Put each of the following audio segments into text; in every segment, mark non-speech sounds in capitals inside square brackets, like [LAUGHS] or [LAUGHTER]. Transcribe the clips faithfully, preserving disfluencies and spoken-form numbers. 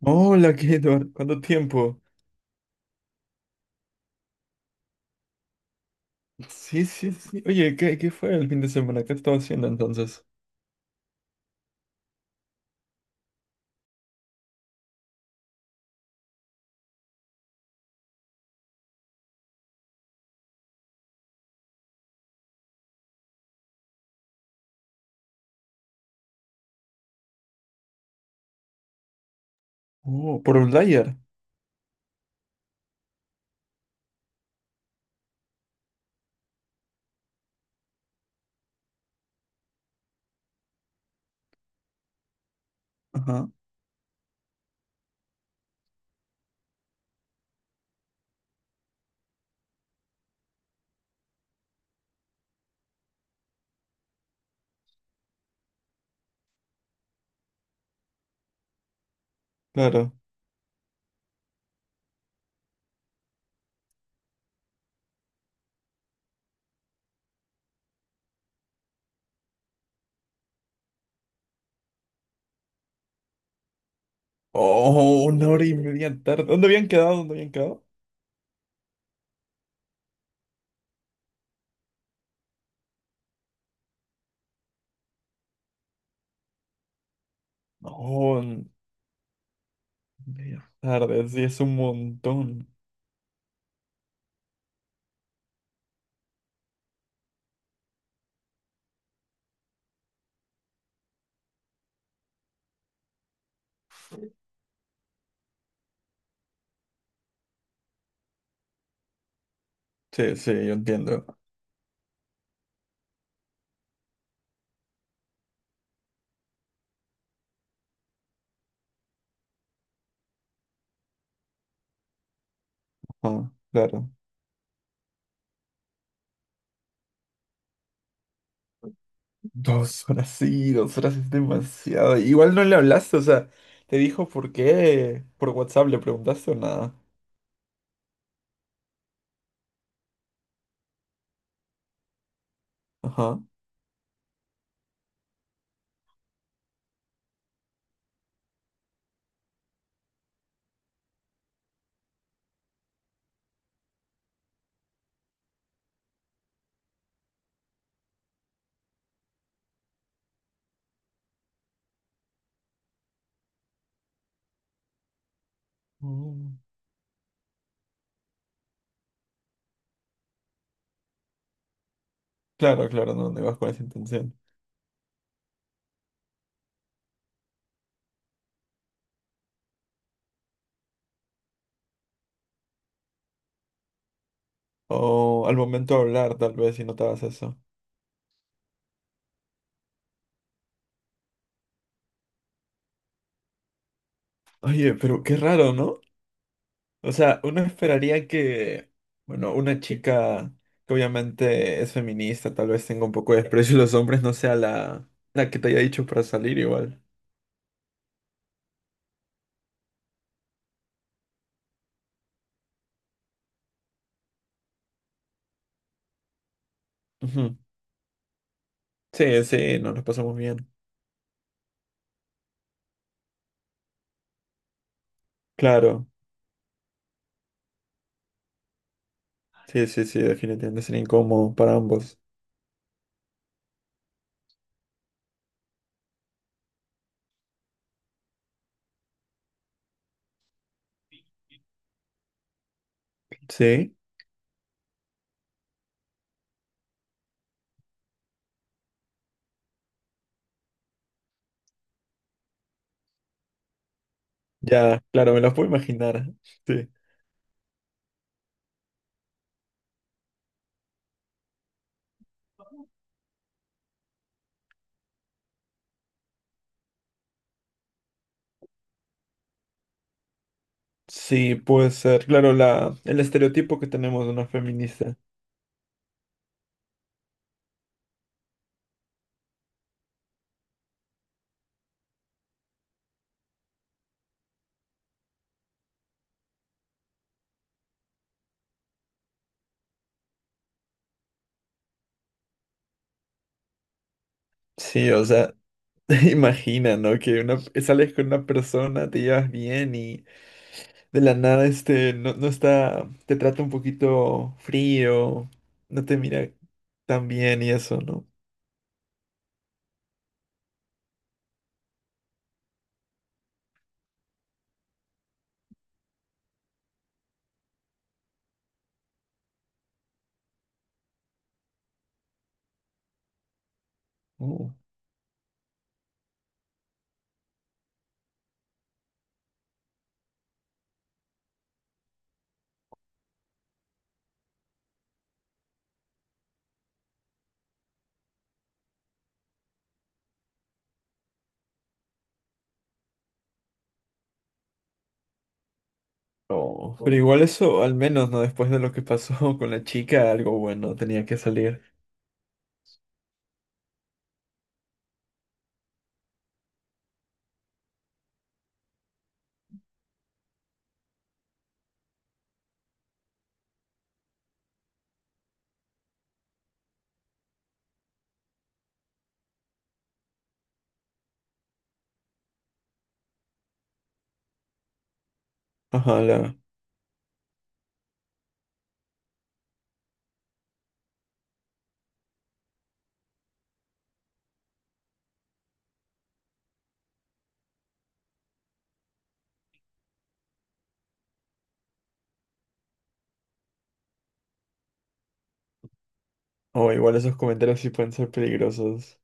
Hola, ¿qué, Eduard? ¿Cuánto tiempo? Sí, sí, sí. Oye, ¿qué, qué fue el fin de semana? ¿Qué estaba haciendo entonces? Oh, por Outlier. Ajá, claro. Oh, una hora y media tarde. ¿Dónde habían quedado? ¿Dónde habían quedado? Oh, en- Media tarde, sí, es un montón. Sí, sí, yo entiendo. Ajá, claro. Dos horas, sí, dos horas es demasiado. Igual no le hablaste, o sea, te dijo por qué. Por WhatsApp le preguntaste o nada. Ajá. Mm. Claro, claro, no, no ibas con esa intención. O al momento de hablar, tal vez, si notabas eso. Oye, pero qué raro, ¿no? O sea, uno esperaría que, bueno, una chica que obviamente es feminista, tal vez tenga un poco de desprecio a los hombres, no sea la, la que te haya dicho para salir igual. Ujú. Sí, sí, nos lo pasamos bien. Claro, sí, sí, sí, definitivamente sería incómodo para ambos. Sí, ya, claro, me lo puedo imaginar. Sí. Sí, puede ser, claro, la, el estereotipo que tenemos de una feminista. Sí, o sea. [LAUGHS] Imagina, ¿no? Que una, sales con una persona, te llevas bien y de la nada este no, no está, te trata un poquito frío, no te mira tan bien y eso, ¿no? Oh. Oh, pero igual eso, al menos, ¿no? Después de lo que pasó [LAUGHS] con la chica, algo bueno tenía que salir. Ojalá. O igual esos comentarios sí pueden ser peligrosos.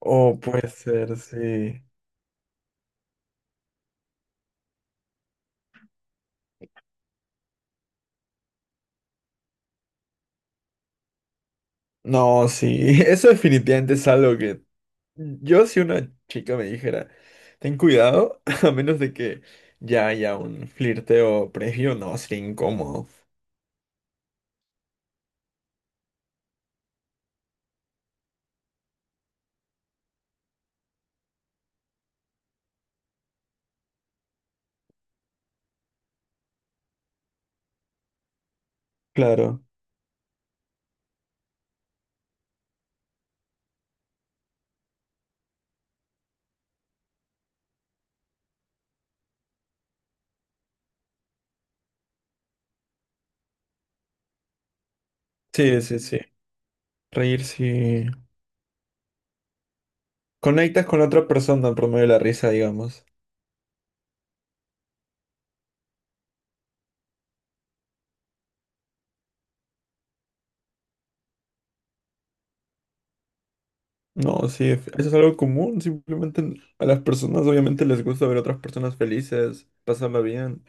O puede ser, sí. No, sí. [LAUGHS] Eso definitivamente es algo que yo, si una chica me dijera ten cuidado, [LAUGHS] a menos de que ya haya un flirteo previo, no, sería incómodo. Claro. Sí, sí, sí. Reír, si conectas con la otra persona, promueve la risa, digamos. No, sí, es- eso es algo común. Simplemente n- a las personas obviamente les gusta ver a otras personas felices, pasarla bien.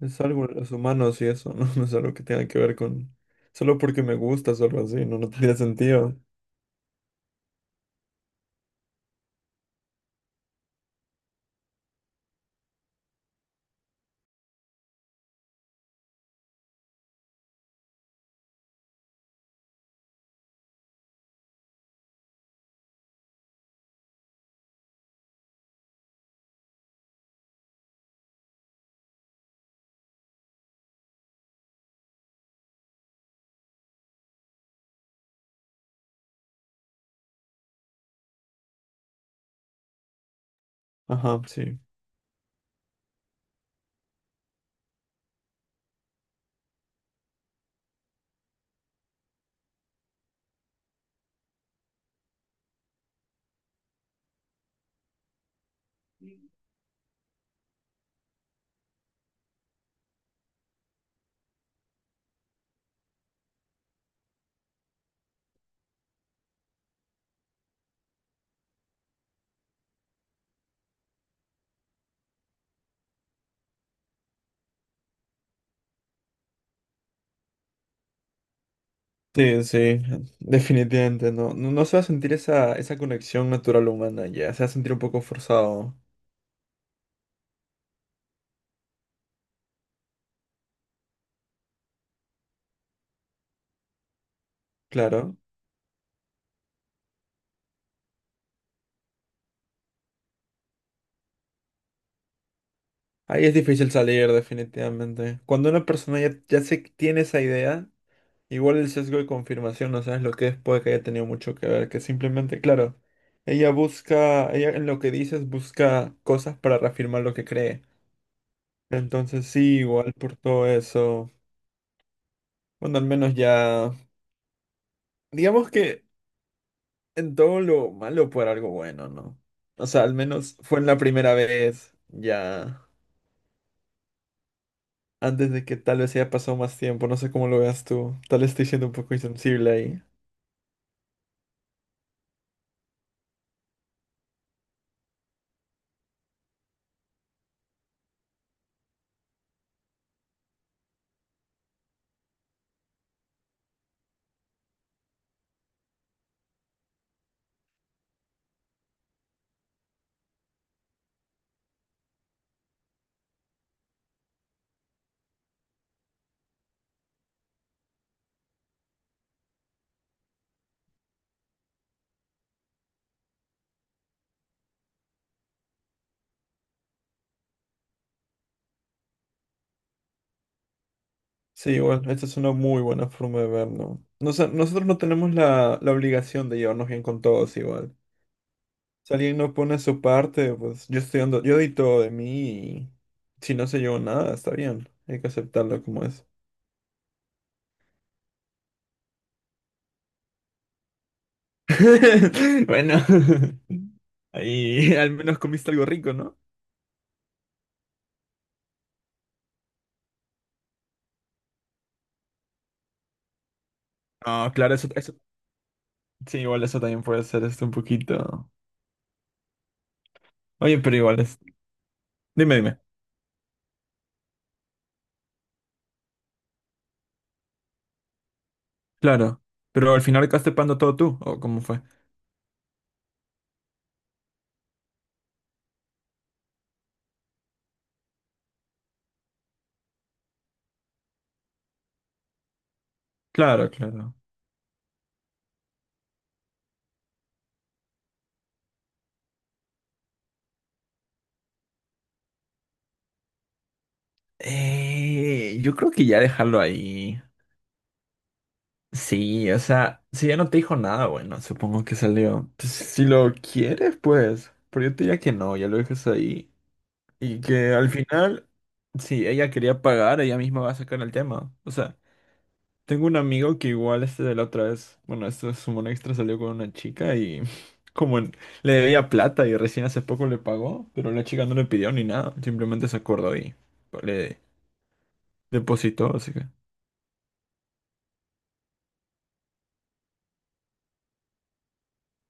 Es algo de los humanos y eso, ¿no? [LAUGHS] No es algo que tenga que ver con... Solo porque me gusta, solo así, no, no tendría sentido. Ajá, sí. Sí, sí, definitivamente, no. No, no se va a sentir esa, esa conexión natural humana ya, se va a sentir un poco forzado, claro. Ahí es difícil salir, definitivamente. Cuando una persona ya, ya se tiene esa idea. Igual el sesgo de confirmación, no sabes lo que es, puede que haya tenido mucho que ver, que simplemente, claro, ella busca, ella en lo que dices busca cosas para reafirmar lo que cree. Entonces sí, igual por todo eso, bueno, al menos ya, digamos que en todo lo malo por algo bueno, ¿no? O sea, al menos fue en la primera vez, ya, antes de que tal vez haya pasado más tiempo, no sé cómo lo veas tú, tal vez estoy siendo un poco insensible ahí. Sí, bueno, esta es una muy buena forma de verlo. No sé, nosotros no tenemos la, la obligación de llevarnos bien con todos igual. Si alguien no pone su parte, pues yo estoy dando, yo di todo de mí y si no se llevó nada, está bien. Hay que aceptarlo como es. [LAUGHS] Bueno, [LAUGHS] ahí al menos comiste algo rico, ¿no? Ah, claro, eso, eso, sí, igual eso también puede ser esto un poquito. Oye, pero igual es. Dime, dime. Claro. Pero al final acabaste pagando todo tú, ¿o cómo fue? Claro, claro. Eh, yo creo que ya dejarlo ahí. Sí, o sea, si ya no te dijo nada, bueno, supongo que salió. Pues, si lo quieres, pues. Pero yo te diría que no, ya lo dejas ahí. Y que al final, si ella quería pagar, ella misma va a sacar el tema. O sea, tengo un amigo que igual este de la otra vez, bueno, esto es un extra, salió con una chica y [LAUGHS] como en- le debía plata y recién hace poco le pagó, pero la chica no le pidió ni nada, simplemente se acordó y le depositó, así que...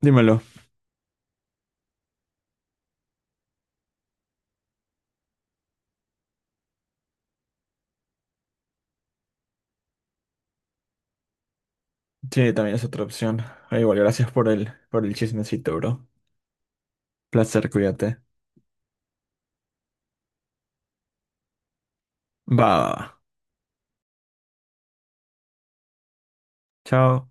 Dímelo. Sí, también es otra opción. Ah, igual, gracias por el, por el chismecito, bro. Placer, cuídate. Va. Va, va. Chao.